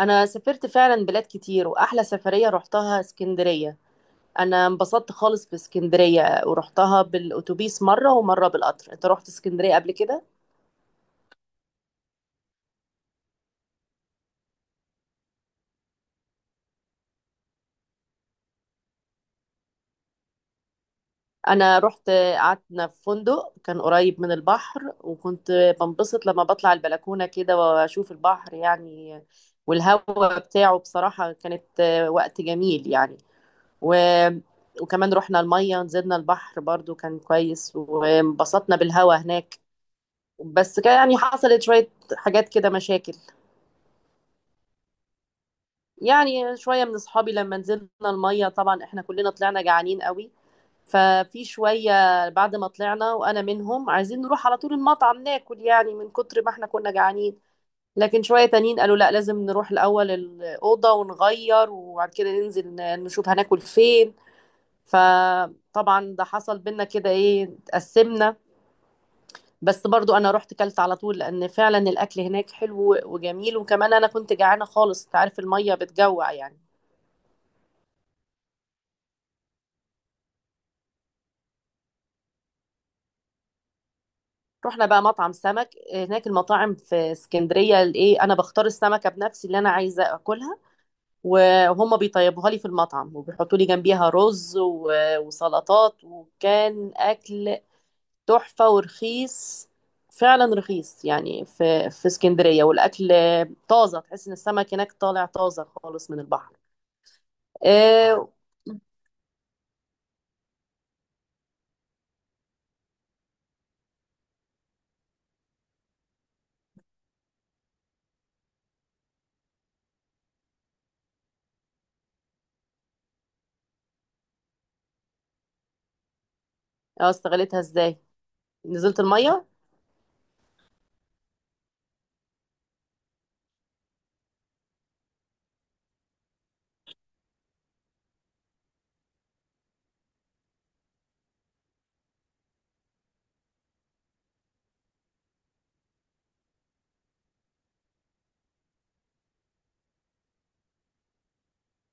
انا سافرت فعلا بلاد كتير، واحلى سفرية رحتها اسكندرية. انا انبسطت خالص في اسكندرية، ورحتها بالاتوبيس مرة ومرة بالقطر. انت رحت اسكندرية قبل كده؟ انا رحت، قعدنا في فندق كان قريب من البحر، وكنت بنبسط لما بطلع البلكونة كده واشوف البحر يعني. والهواء بتاعه بصراحة كانت وقت جميل يعني. و... وكمان رحنا المية، نزلنا البحر، برضو كان كويس، وانبسطنا بالهواء هناك. بس كان يعني حصلت شوية حاجات كده، مشاكل. يعني شوية من أصحابي لما نزلنا المية، طبعا إحنا كلنا طلعنا جعانين قوي. ففي شوية بعد ما طلعنا، وأنا منهم، عايزين نروح على طول المطعم ناكل، يعني من كتر ما إحنا كنا جعانين. لكن شوية تانيين قالوا لا، لازم نروح الأول الأوضة ونغير، وبعد كده ننزل نشوف هناكل فين. فطبعا ده حصل بينا كده، إيه، اتقسمنا. بس برضو انا رحت كلت على طول، لان فعلا الاكل هناك حلو وجميل، وكمان انا كنت جعانه خالص. انت عارف الميه بتجوع يعني. رحنا بقى مطعم سمك هناك. المطاعم في اسكندريه الايه، انا بختار السمكه بنفسي اللي انا عايزه اكلها، وهم بيطيبوها لي في المطعم، وبيحطوا لي جنبيها رز وسلطات، وكان اكل تحفه ورخيص. فعلا رخيص يعني، في اسكندريه، والاكل طازه. تحس ان السمك هناك طالع طازه خالص من البحر. آه، اه، استغلتها ازاي؟ نزلت الميه.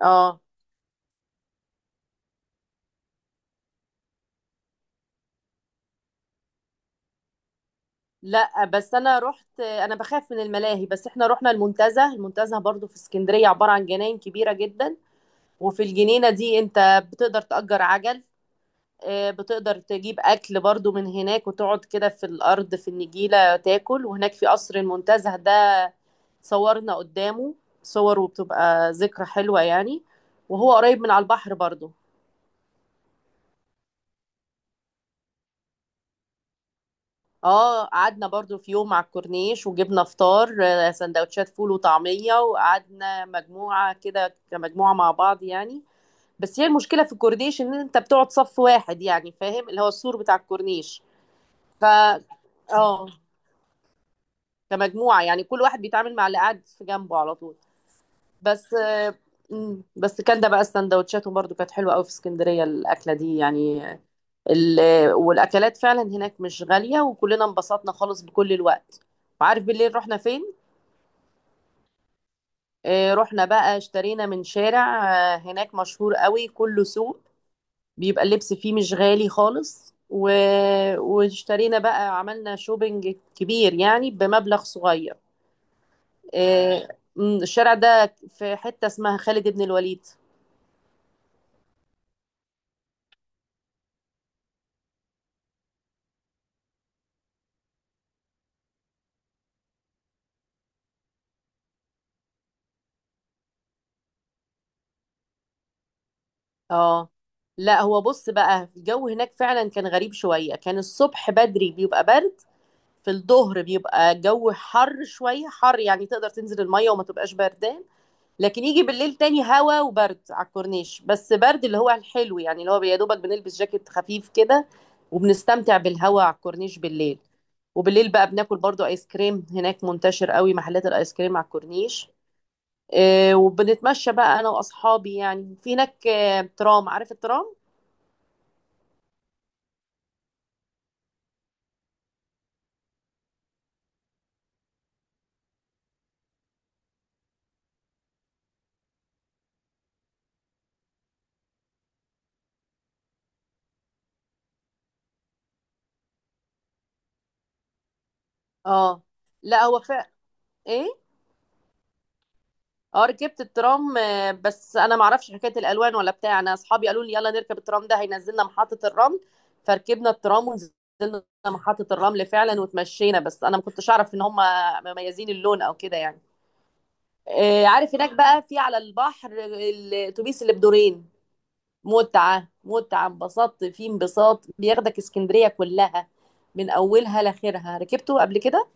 اه، لا، بس انا رحت، انا بخاف من الملاهي. بس احنا رحنا المنتزه. المنتزه برضو في اسكندريه عباره عن جناين كبيره جدا. وفي الجنينه دي انت بتقدر تأجر عجل. بتقدر تجيب اكل برضو من هناك، وتقعد كده في الارض في النجيله تاكل. وهناك في قصر المنتزه ده، صورنا قدامه صور، وبتبقى ذكرى حلوه يعني. وهو قريب من على البحر برضو. اه، قعدنا برضو في يوم على الكورنيش، وجبنا فطار، سندوتشات فول وطعمية، وقعدنا مجموعة كده، كمجموعة مع بعض يعني. بس هي المشكلة في الكورنيش ان انت بتقعد صف واحد يعني، فاهم، اللي هو السور بتاع الكورنيش. ف اه. كمجموعة يعني، كل واحد بيتعامل مع اللي قاعد في جنبه على طول. بس بس كان ده بقى السندوتشات، وبرضو كانت حلوة قوي في اسكندرية الأكلة دي يعني. والاكلات فعلا هناك مش غاليه، وكلنا انبسطنا خالص بكل الوقت. وعارف بالليل رحنا فين؟ رحنا بقى، اشترينا من شارع هناك مشهور قوي كله سوق. بيبقى اللبس فيه مش غالي خالص، واشترينا بقى، عملنا شوبينج كبير يعني بمبلغ صغير. آه، الشارع ده في حته اسمها خالد بن الوليد. اه، لا، هو بص بقى، الجو هناك فعلا كان غريب شويه. كان الصبح بدري بيبقى برد. في الظهر بيبقى الجو حر، شوية حر يعني، تقدر تنزل المية وما تبقاش بردان. لكن يجي بالليل تاني هوا وبرد على الكورنيش. بس برد اللي هو الحلو يعني، اللي هو يا دوبك بنلبس جاكيت خفيف كده، وبنستمتع بالهوا على الكورنيش بالليل. وبالليل بقى بناكل برضو ايس كريم، هناك منتشر قوي محلات الايس كريم على الكورنيش. وبنتمشى بقى انا واصحابي يعني. في هناك ترام. عارف الترام؟ اه. لا، هو فا ايه. اه، ركبت الترام. بس انا ما اعرفش حكايه الالوان ولا بتاع. انا اصحابي قالوا لي يلا نركب الترام ده، هينزلنا محطه الرمل. فركبنا الترام ونزلنا محطه الرمل فعلا، وتمشينا. بس انا ما كنتش اعرف ان هم مميزين اللون او كده يعني. عارف هناك بقى في على البحر الاتوبيس اللي بدورين. متعه متعه، انبسطت فيه انبساط. بياخدك اسكندريه كلها من اولها لاخرها. ركبته قبل كده؟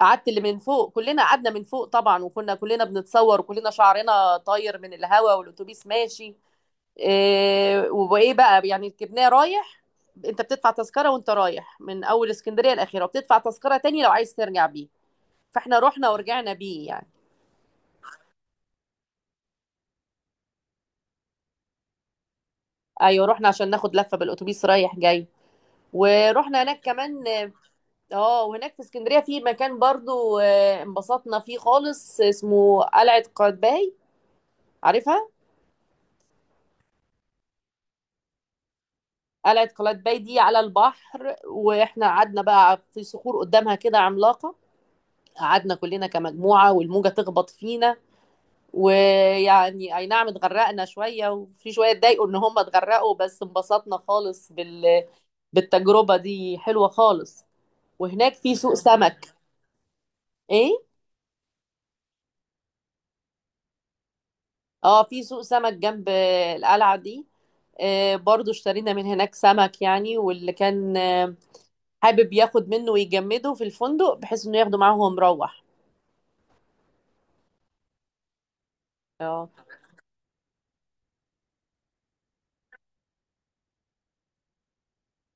قعدت اللي من فوق. كلنا قعدنا من فوق طبعا، وكنا كلنا بنتصور، وكلنا شعرنا طاير من الهواء والاتوبيس ماشي. إيه، وايه بقى يعني، ركبناه رايح. انت بتدفع تذكره وانت رايح من اول اسكندريه الاخيره، وبتدفع تذكره تاني لو عايز ترجع بيه. فاحنا رحنا ورجعنا بيه يعني. ايوه، رحنا عشان ناخد لفه بالاتوبيس رايح جاي، ورحنا هناك كمان. اه، وهناك في اسكندريه في مكان برضو انبسطنا فيه خالص، اسمه قلعه قايتباي. عارفها؟ قلعة قلاتباي دي على البحر، واحنا قعدنا بقى في صخور قدامها كده عملاقة. قعدنا كلنا كمجموعة، والموجة تخبط فينا، ويعني اي نعم اتغرقنا شوية، وفي شوية اتضايقوا ان هم اتغرقوا. بس انبسطنا خالص بالتجربة دي، حلوة خالص. وهناك في سوق سمك. ايه. اه، في سوق سمك جنب القلعة دي. برضو اشترينا من هناك سمك يعني، واللي كان حابب ياخد منه ويجمده في الفندق بحيث انه ياخده معاه وهو مروح. اه،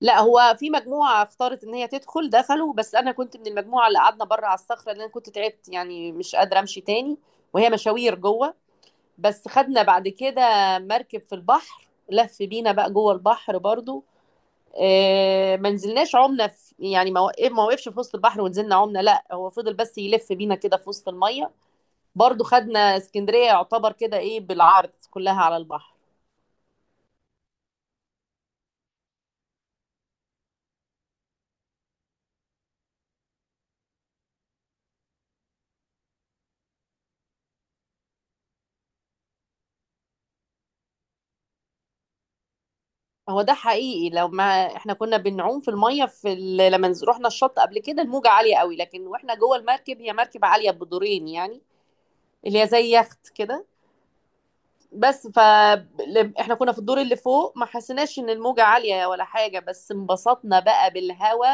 لا، هو في مجموعة اختارت ان هي تدخل، دخلوا. بس انا كنت من المجموعة اللي قعدنا بره على الصخرة، لان انا كنت تعبت يعني، مش قادرة امشي تاني. وهي مشاوير جوه. بس خدنا بعد كده مركب في البحر، لف بينا بقى جوه البحر برضو. ما نزلناش عمنا في يعني. ما وقفش في وسط البحر ونزلنا عمنا. لا، هو فضل بس يلف بينا كده في وسط المية. برضو خدنا اسكندرية، يعتبر كده، ايه، بالعرض كلها على البحر. هو ده حقيقي. لو ما احنا كنا بنعوم في الميه رحنا الشط قبل كده، الموجه عاليه قوي. لكن واحنا جوه المركب، هي مركب عاليه بدورين يعني، اللي هي زي يخت كده. بس احنا كنا في الدور اللي فوق، ما حسيناش ان الموجه عاليه ولا حاجه. بس انبسطنا بقى بالهوا،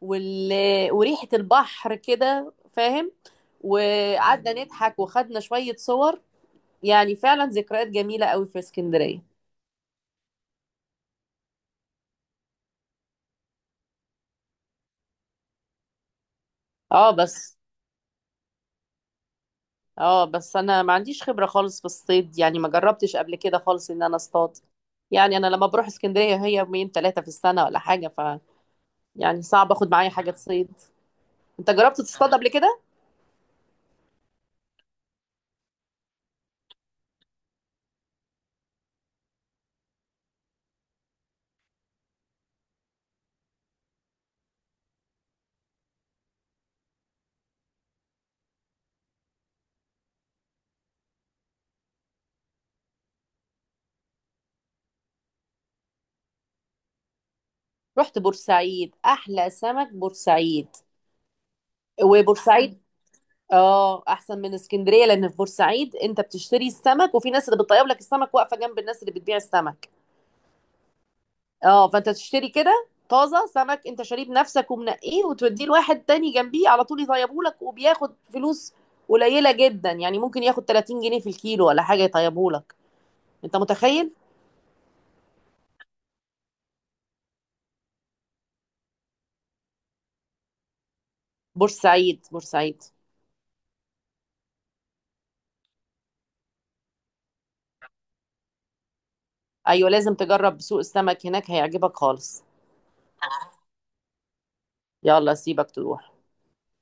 وال... وريحه البحر كده، فاهم. وقعدنا نضحك، وخدنا شويه صور. يعني فعلا ذكريات جميله قوي في اسكندريه. اه بس اه، بس انا ما عنديش خبرة خالص في الصيد يعني، ما جربتش قبل كده خالص ان انا اصطاد. يعني انا لما بروح اسكندرية هي يومين ثلاثة في السنة ولا حاجة. يعني صعب اخد معايا حاجة تصيد. انت جربت تصطاد قبل كده؟ رحت بورسعيد، احلى سمك بورسعيد. وبورسعيد، اه، احسن من اسكندرية، لان في بورسعيد انت بتشتري السمك، وفي ناس اللي بتطيب لك السمك واقفة جنب الناس اللي بتبيع السمك. اه، فانت تشتري كده طازه سمك انت شاريه بنفسك ومنقيه، وتوديه لواحد تاني جنبيه على طول يطيبه لك، وبياخد فلوس قليله جدا يعني. ممكن ياخد 30 جنيه في الكيلو ولا حاجه يطيبه لك. انت متخيل؟ بورسعيد، بورسعيد. ايوه، لازم تجرب سوق السمك هناك، هيعجبك خالص. يلا، سيبك تروح.